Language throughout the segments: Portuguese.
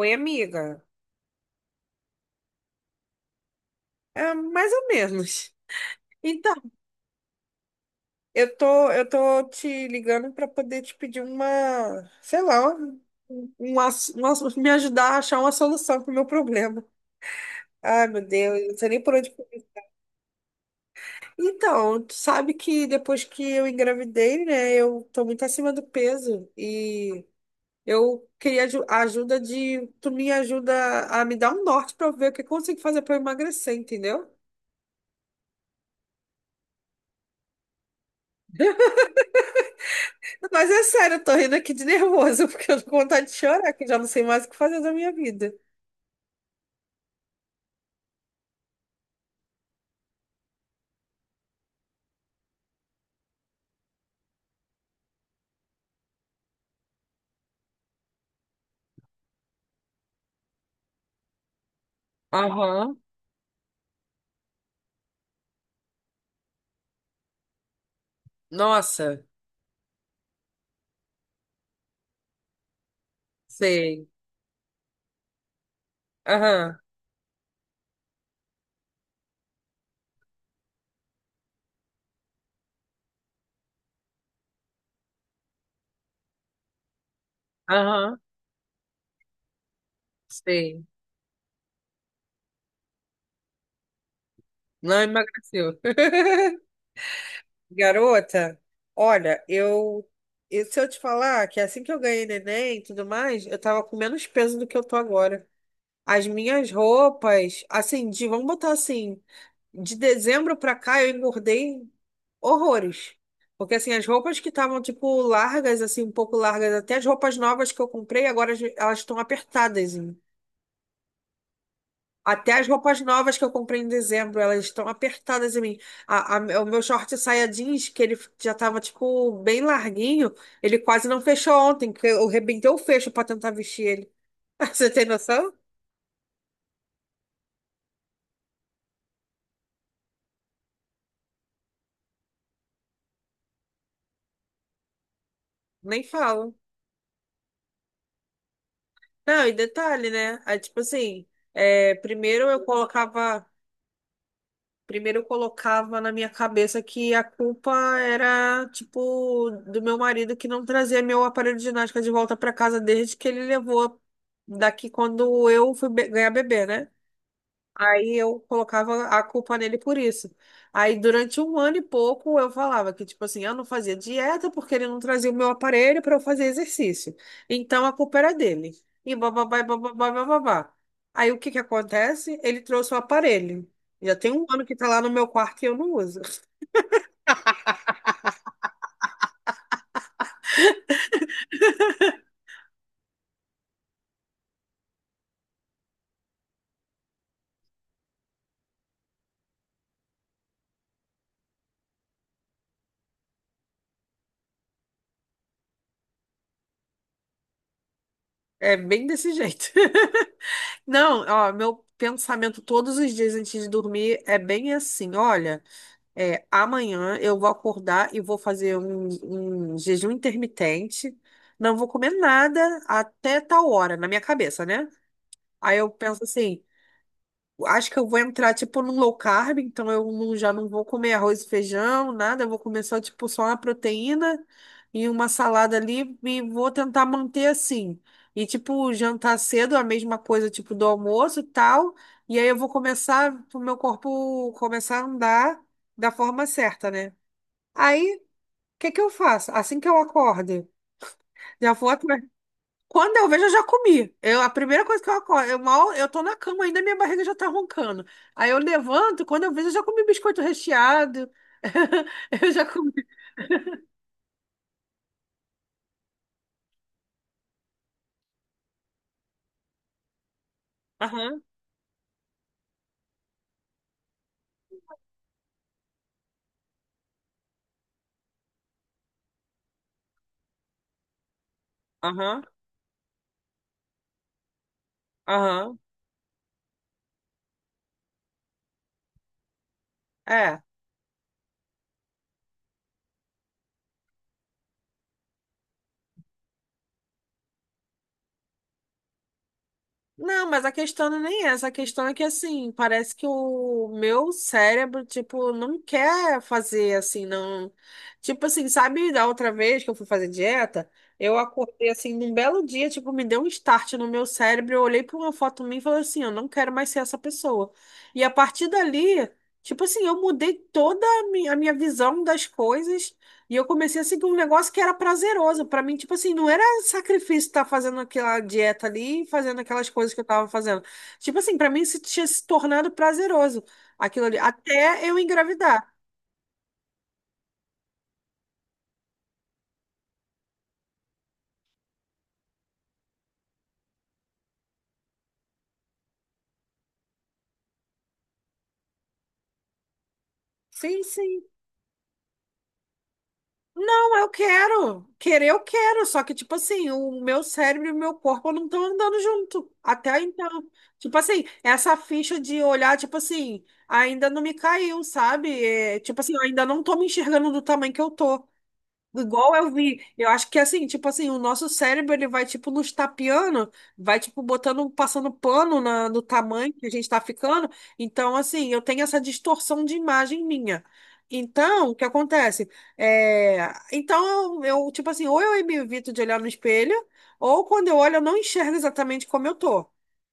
Oi, amiga. É, mais ou menos. Então, eu tô te ligando para poder te pedir uma, sei lá, me ajudar a achar uma solução para o meu problema. Ai, meu Deus, eu não sei nem por onde. Então, tu sabe que depois que eu engravidei, né, eu tô muito acima do peso e eu queria a ajuda tu me ajuda a me dar um norte para ver o que eu consigo fazer para emagrecer, entendeu? Mas é sério, eu tô rindo aqui de nervoso, porque eu tô com vontade de chorar, que eu já não sei mais o que fazer da minha vida. Aham. Nossa, sei. Aham, aham, sei. Não emagreceu. Garota, olha, se eu te falar que assim que eu ganhei neném e tudo mais, eu tava com menos peso do que eu tô agora. As minhas roupas, assim, de, vamos botar assim, de dezembro pra cá eu engordei horrores. Porque assim, as roupas que estavam tipo largas, assim, um pouco largas, até as roupas novas que eu comprei, agora elas estão apertadas em mim. Até as roupas novas que eu comprei em dezembro, elas estão apertadas em mim. O meu short saia jeans, que ele já tava, tipo, bem larguinho, ele quase não fechou ontem, que eu arrebentei o fecho pra tentar vestir ele. Você tem noção? Nem falo. Não, e detalhe, né? Aí, tipo assim, é, primeiro eu colocava. Primeiro eu colocava na minha cabeça que a culpa era, tipo, do meu marido que não trazia meu aparelho de ginástica de volta para casa desde que ele levou daqui quando eu fui ganhar bebê, né? Aí eu colocava a culpa nele por isso. Aí durante um ano e pouco eu falava que, tipo assim, eu não fazia dieta porque ele não trazia o meu aparelho para eu fazer exercício. Então a culpa era dele. E bababá, e bababá, e bababá. Aí o que que acontece? Ele trouxe o aparelho. Já tem um ano que tá lá no meu quarto e eu não uso. É bem desse jeito. Não, ó, meu pensamento todos os dias antes de dormir é bem assim, olha. É, amanhã eu vou acordar e vou fazer um jejum intermitente. Não vou comer nada até tal hora, na minha cabeça, né? Aí eu penso assim, acho que eu vou entrar tipo num low carb, então eu já não vou comer arroz e feijão, nada, eu vou comer só tipo só uma proteína e uma salada ali e vou tentar manter assim. E tipo jantar cedo, a mesma coisa tipo do almoço e tal. E aí eu vou começar o meu corpo começar a andar da forma certa, né? Aí, o que que eu faço? Assim que eu acorde, já vou atrás. Quando eu vejo, eu já comi. Eu, a primeira coisa que eu acordo, eu mal, eu tô na cama ainda, minha barriga já tá roncando. Aí eu levanto, quando eu vejo, eu já comi biscoito recheado. Eu já comi. Aham, aham, aham. É. Não, mas a questão não é nem essa. A questão é que, assim, parece que o meu cérebro, tipo, não quer fazer, assim, não. Tipo assim, sabe, da outra vez que eu fui fazer dieta, eu acordei, assim, num belo dia, tipo, me deu um start no meu cérebro. Eu olhei pra uma foto minha e falei assim: eu não quero mais ser essa pessoa. E a partir dali, tipo assim, eu mudei toda a a minha visão das coisas. E eu comecei a seguir um negócio que era prazeroso. Pra mim, tipo assim, não era sacrifício estar fazendo aquela dieta ali, fazendo aquelas coisas que eu tava fazendo. Tipo assim, pra mim isso tinha se tornado prazeroso, aquilo ali, até eu engravidar. Sim, sim. Não, eu quero. Querer eu quero, só que, tipo assim, o meu cérebro e o meu corpo não estão andando junto. Até então. Tipo assim, essa ficha de olhar, tipo assim, ainda não me caiu, sabe? É, tipo assim, eu ainda não tô me enxergando do tamanho que eu tô. Igual eu vi, eu acho que assim, tipo assim, o nosso cérebro ele vai tipo nos tapeando, vai tipo botando, passando pano na, no tamanho que a gente tá ficando. Então, assim, eu tenho essa distorção de imagem minha. Então, o que acontece? É, então, eu, tipo assim, ou eu me evito de olhar no espelho, ou quando eu olho, eu não enxergo exatamente como eu tô,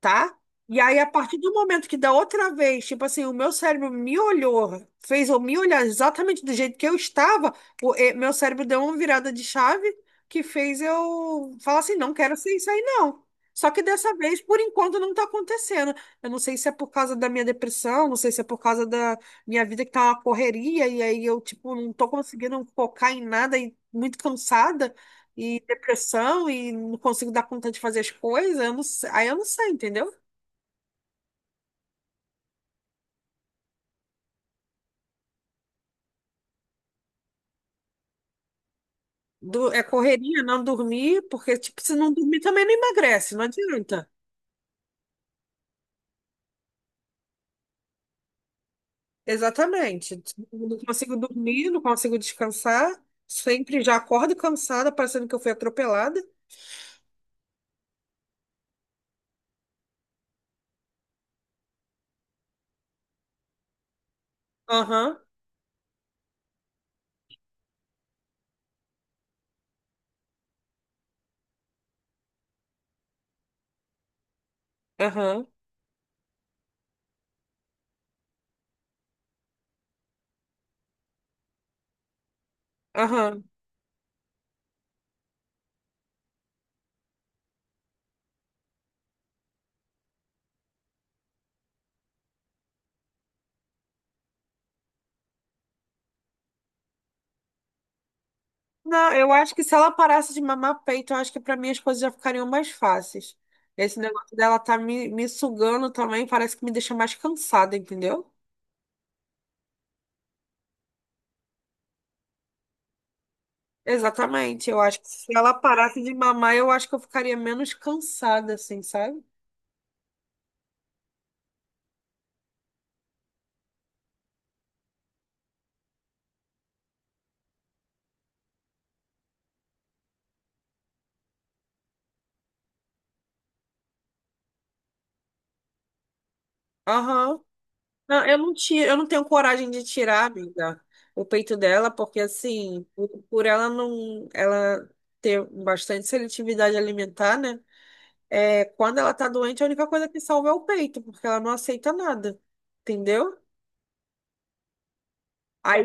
tá? E aí, a partir do momento que da outra vez, tipo assim, o meu cérebro me olhou, fez eu me olhar exatamente do jeito que eu estava meu cérebro deu uma virada de chave que fez eu falar assim, não quero ser isso aí, não. Só que dessa vez, por enquanto, não está acontecendo. Eu não sei se é por causa da minha depressão, não sei se é por causa da minha vida que tá uma correria, e aí eu, tipo, não tô conseguindo focar em nada e muito cansada, e depressão, e não consigo dar conta de fazer as coisas, eu não sei, aí eu não sei, entendeu? É correria, não dormir, porque, tipo, se não dormir também não emagrece, não adianta. Exatamente. Não consigo dormir, não consigo descansar. Sempre já acordo cansada, parecendo que eu fui atropelada. Aham, aham, aham. Não, eu acho que se ela parasse de mamar peito, eu acho que pra mim as coisas já ficariam mais fáceis. Esse negócio dela tá me sugando também, parece que me deixa mais cansada, entendeu? Exatamente. Eu acho que se ela parasse de mamar, eu acho que eu ficaria menos cansada, assim, sabe? Aham. Não, eu não tiro, eu não tenho coragem de tirar, amiga, o peito dela, porque assim, por ela não, ela ter bastante seletividade alimentar, né? É, quando ela tá doente, a única coisa que salva é o peito, porque ela não aceita nada, entendeu? Aí,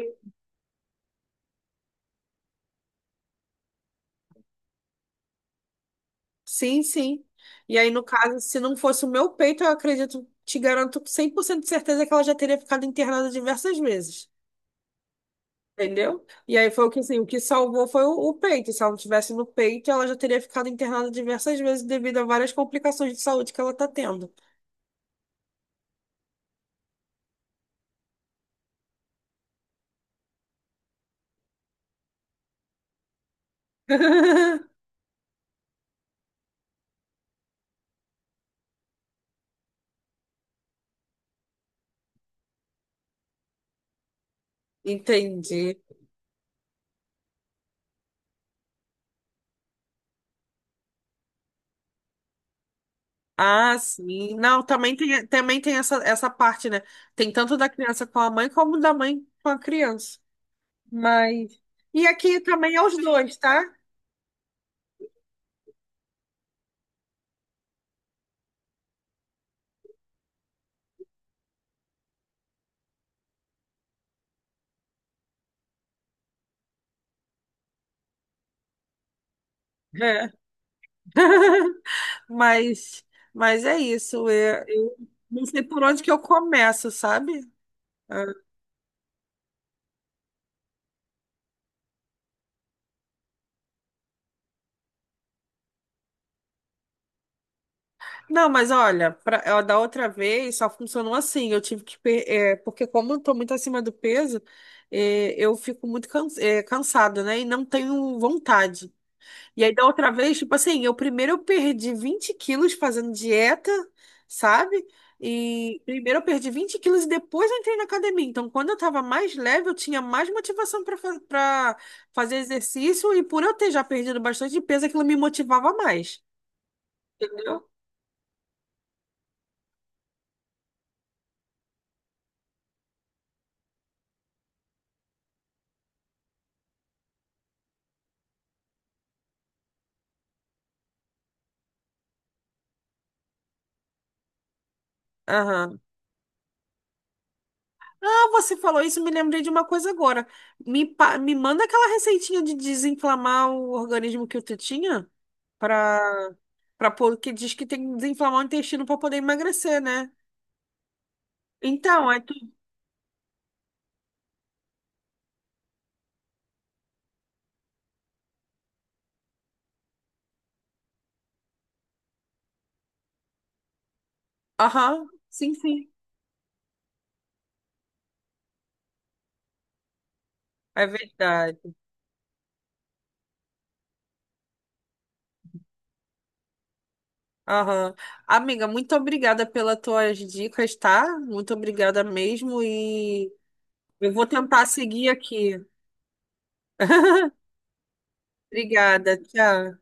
sim, sim. E aí, no caso, se não fosse o meu peito, eu acredito, te garanto com 100% de certeza que ela já teria ficado internada diversas vezes. Entendeu? E aí foi o que, assim, o que salvou foi o peito. Se ela não tivesse no peito, ela já teria ficado internada diversas vezes devido a várias complicações de saúde que ela tá tendo. Entendi. Ah, sim. Não, também tem essa, essa parte, né? Tem tanto da criança com a mãe como da mãe com a criança. Mas. E aqui também é os dois, tá? É. Mas, mas é isso. Eu não sei por onde que eu começo, sabe? Não, mas olha, ó, da outra vez só funcionou assim. Eu tive que. É, porque, como eu tô muito acima do peso, é, eu fico muito é, cansada, né? E não tenho vontade. E aí, da outra vez, tipo assim, eu primeiro eu perdi 20 quilos fazendo dieta, sabe? E primeiro eu perdi 20 quilos e depois eu entrei na academia. Então, quando eu tava mais leve, eu tinha mais motivação para fazer exercício. E por eu ter já perdido bastante peso, aquilo me motivava mais. Entendeu? Aham. Ah, você falou isso, me lembrei de uma coisa agora. Me manda aquela receitinha de desinflamar o organismo que tu tinha para para pôr, que diz que tem que desinflamar o intestino para poder emagrecer, né? Então, aí tu. Aham, sim, sim. É verdade. Aham. Amiga, muito obrigada pelas tuas dicas, tá? Muito obrigada mesmo e eu vou tentar seguir aqui. Obrigada, tchau.